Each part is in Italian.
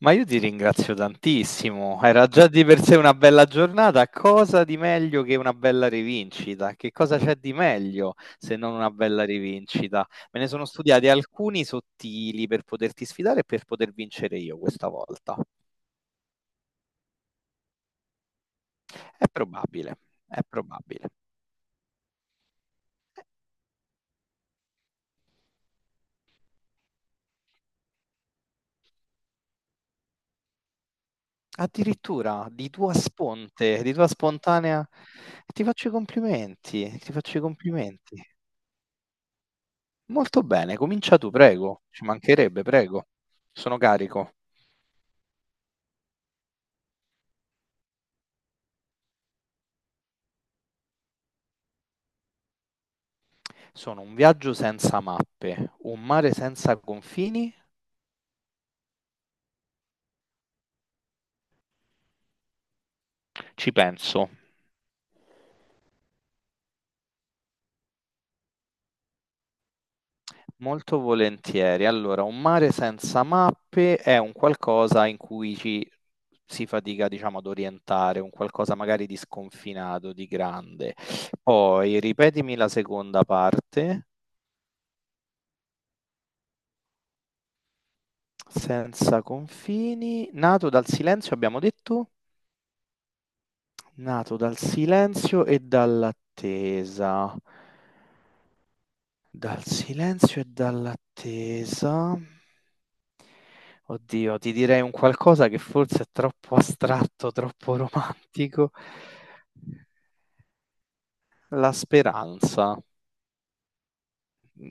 Ma io ti ringrazio tantissimo. Era già di per sé una bella giornata. Cosa di meglio che una bella rivincita? Che cosa c'è di meglio se non una bella rivincita? Me ne sono studiati alcuni sottili per poterti sfidare e per poter vincere io questa volta. È probabile, è probabile. Addirittura di tua sponte, di tua spontanea. Ti faccio i complimenti, ti faccio i complimenti. Molto bene, comincia tu, prego. Ci mancherebbe, prego. Sono carico. Sono un viaggio senza mappe, un mare senza confini? Ci penso. Molto volentieri. Allora, un mare senza mappe è un qualcosa in cui ci si fatica, diciamo, ad orientare, un qualcosa magari di sconfinato, di grande. Poi, ripetimi la seconda parte. Senza confini, nato dal silenzio, abbiamo detto? Nato dal silenzio e dall'attesa. Dal silenzio e dall'attesa. Oddio, ti direi un qualcosa che forse è troppo astratto, troppo romantico. La speranza.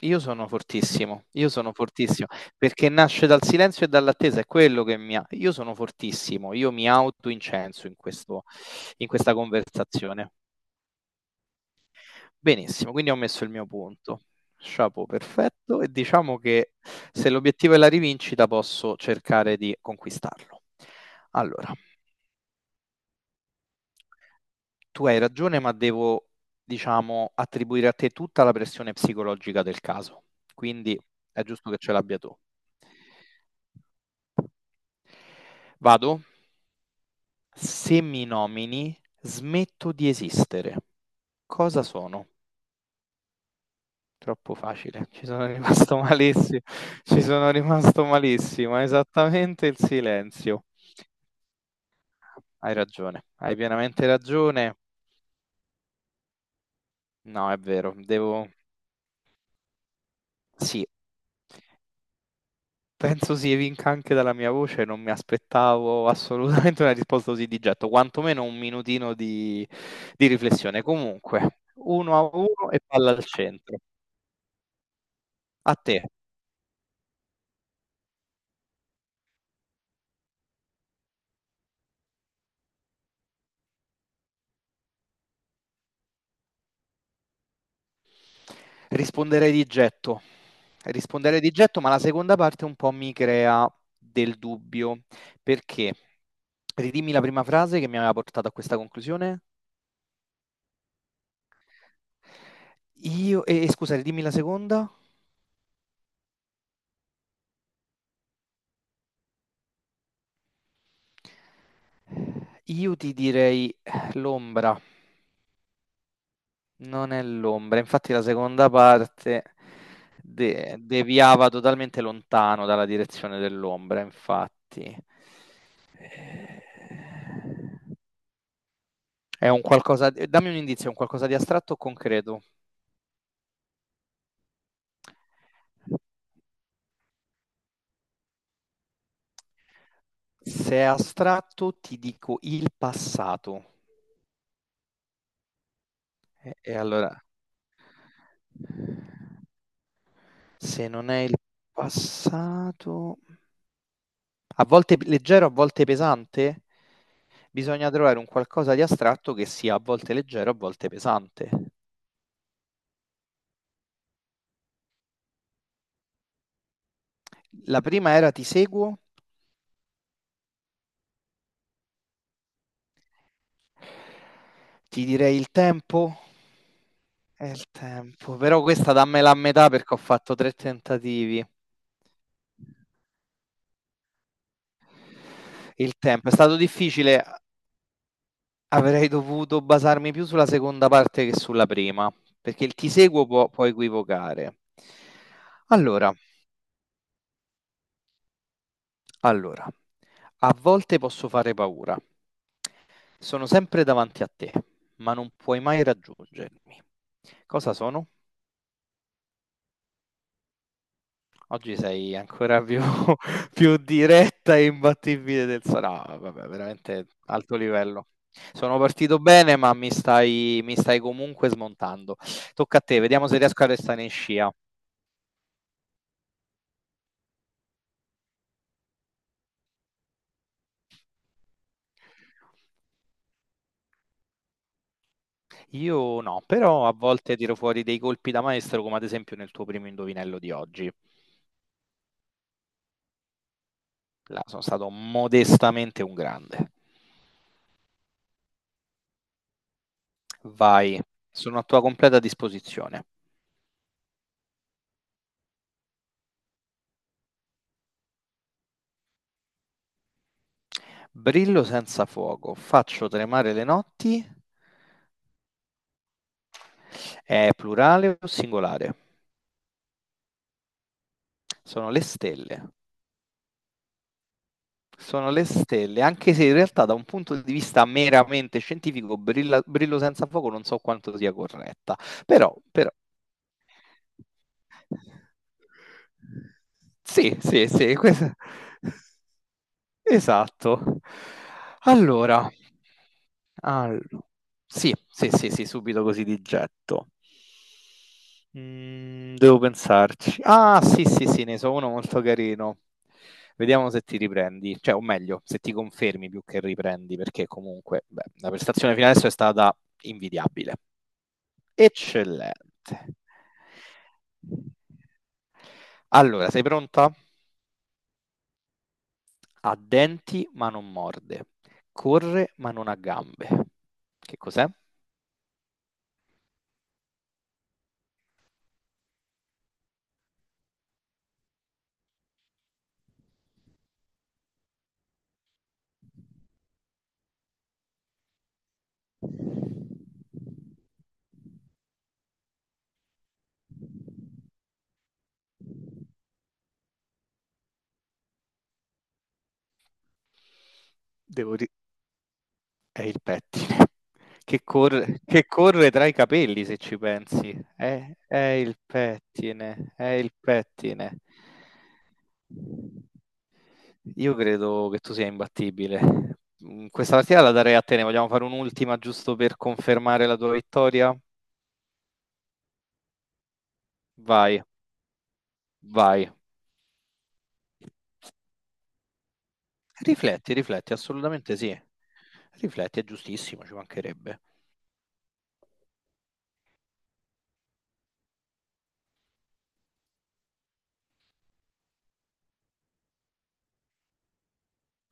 Io sono fortissimo, perché nasce dal silenzio e dall'attesa, è quello che mi ha... Io sono fortissimo, io mi autoincenso in questo, in questa conversazione. Benissimo, quindi ho messo il mio punto. Chapeau, perfetto. E diciamo che se l'obiettivo è la rivincita, posso cercare di conquistarlo. Allora, tu hai ragione, ma devo, diciamo, attribuire a te tutta la pressione psicologica del caso. Quindi è giusto che ce l'abbia tu. Vado. Se mi nomini, smetto di esistere. Cosa sono? Troppo facile, ci sono rimasto malissimo, ci sono rimasto malissimo, è esattamente il silenzio. Hai ragione, hai pienamente ragione. No, è vero, devo... Sì, penso si evinca anche dalla mia voce, non mi aspettavo assolutamente una risposta così di getto, quantomeno un minutino di riflessione. Comunque, uno a uno e palla al centro. A te, risponderei di getto, risponderei di getto, ma la seconda parte un po' mi crea del dubbio. Perché? Ridimmi la prima frase che mi aveva portato a questa conclusione. E scusa, ridimmi la seconda. Io ti direi l'ombra, non è l'ombra. Infatti la seconda parte deviava totalmente lontano dalla direzione dell'ombra, infatti. Eh, È un qualcosa, dammi un indizio, è un qualcosa di astratto o concreto? Se è astratto, ti dico il passato. Allora, se non è il passato, a volte leggero, a volte pesante, bisogna trovare un qualcosa di astratto che sia a volte leggero, a volte pesante. La prima era ti seguo, ti direi il tempo. È il tempo, però questa dammela a metà perché ho fatto tre tentativi. Il tempo è stato difficile. Avrei dovuto basarmi più sulla seconda parte che sulla prima, perché il ti seguo può, può equivocare. Allora, allora, a volte posso fare paura. Sono sempre davanti a te, ma non puoi mai raggiungermi. Cosa sono? Oggi sei ancora più, più diretta e imbattibile del sa no, vabbè, veramente alto livello. Sono partito bene, ma mi stai comunque smontando. Tocca a te, vediamo se riesco a restare in scia. Io no, però a volte tiro fuori dei colpi da maestro, come ad esempio nel tuo primo indovinello di oggi. Là sono stato modestamente un grande. Vai, sono a tua completa disposizione. Brillo senza fuoco, faccio tremare le notti. È plurale o singolare? Sono le stelle. Sono le stelle, anche se in realtà da un punto di vista meramente scientifico, Brillo senza fuoco non so quanto sia corretta, però, però sì, sì, sì, questa- esatto. Allora. Allora, sì, sì, sì, sì, subito così di getto. Devo pensarci. Ah, sì, sì, sì, ne so uno molto carino. Vediamo se ti riprendi, cioè, o meglio, se ti confermi più che riprendi, perché comunque, beh, la prestazione fino adesso è stata invidiabile. Eccellente. Allora, sei pronta? Ha denti ma non morde, corre ma non ha gambe. Che cos'è? Devo... È il pettine che corre tra i capelli, se ci pensi. È il pettine, è il pettine. Io credo che tu sia imbattibile. Questa partita la darei a te. Ne vogliamo fare un'ultima giusto per confermare la tua vittoria? Vai, vai. Rifletti, rifletti, assolutamente sì. Rifletti, è giustissimo, ci mancherebbe.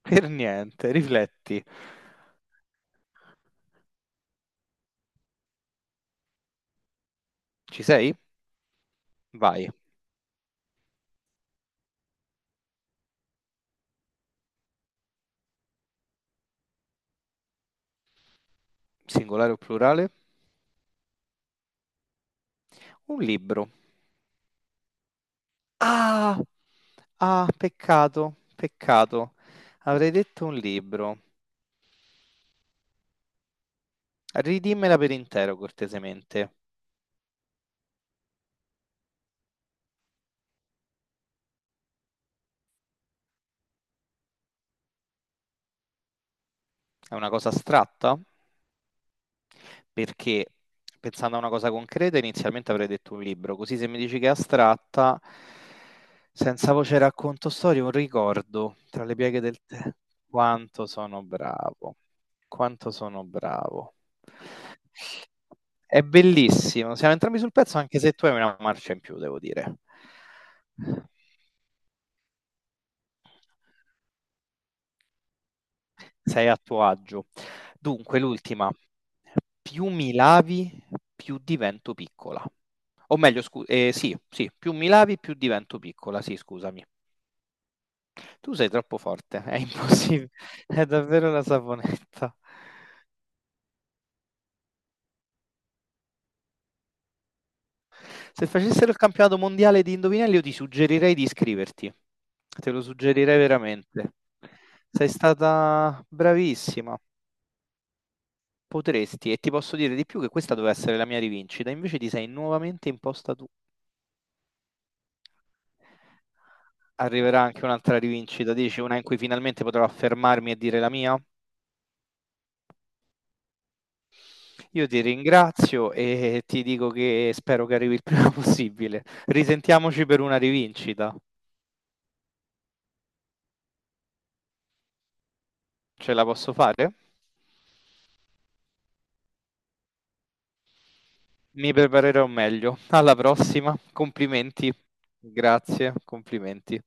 Per niente, rifletti. Ci sei? Vai. Singolare o plurale? Un libro. Ah, ah, peccato, peccato. Avrei detto un libro. Ridimmela per intero, cortesemente. È una cosa astratta? Perché pensando a una cosa concreta, inizialmente avrei detto un libro. Così se mi dici che è astratta, senza voce racconto storie, un ricordo tra le pieghe del tè. Quanto sono bravo, quanto sono bravo. È bellissimo, siamo entrambi sul pezzo anche se tu hai una marcia in più, devo dire. Sei a tuo agio. Dunque, l'ultima. Più mi lavi, più divento piccola. O meglio, sì, sì, più mi lavi, più divento piccola. Sì, scusami. Tu sei troppo forte, è impossibile. È davvero la saponetta. Se facessero il campionato mondiale di indovinelli, io ti suggerirei di iscriverti. Te lo suggerirei veramente. Sei stata bravissima. Potresti, e ti posso dire di più che questa doveva essere la mia rivincita, invece ti sei nuovamente imposta tu. Arriverà anche un'altra rivincita, dici una in cui finalmente potrò affermarmi e dire la mia? Io ti ringrazio e ti dico che spero che arrivi il prima possibile. Risentiamoci per una rivincita. Ce la posso fare? Mi preparerò meglio. Alla prossima. Complimenti. Grazie, complimenti.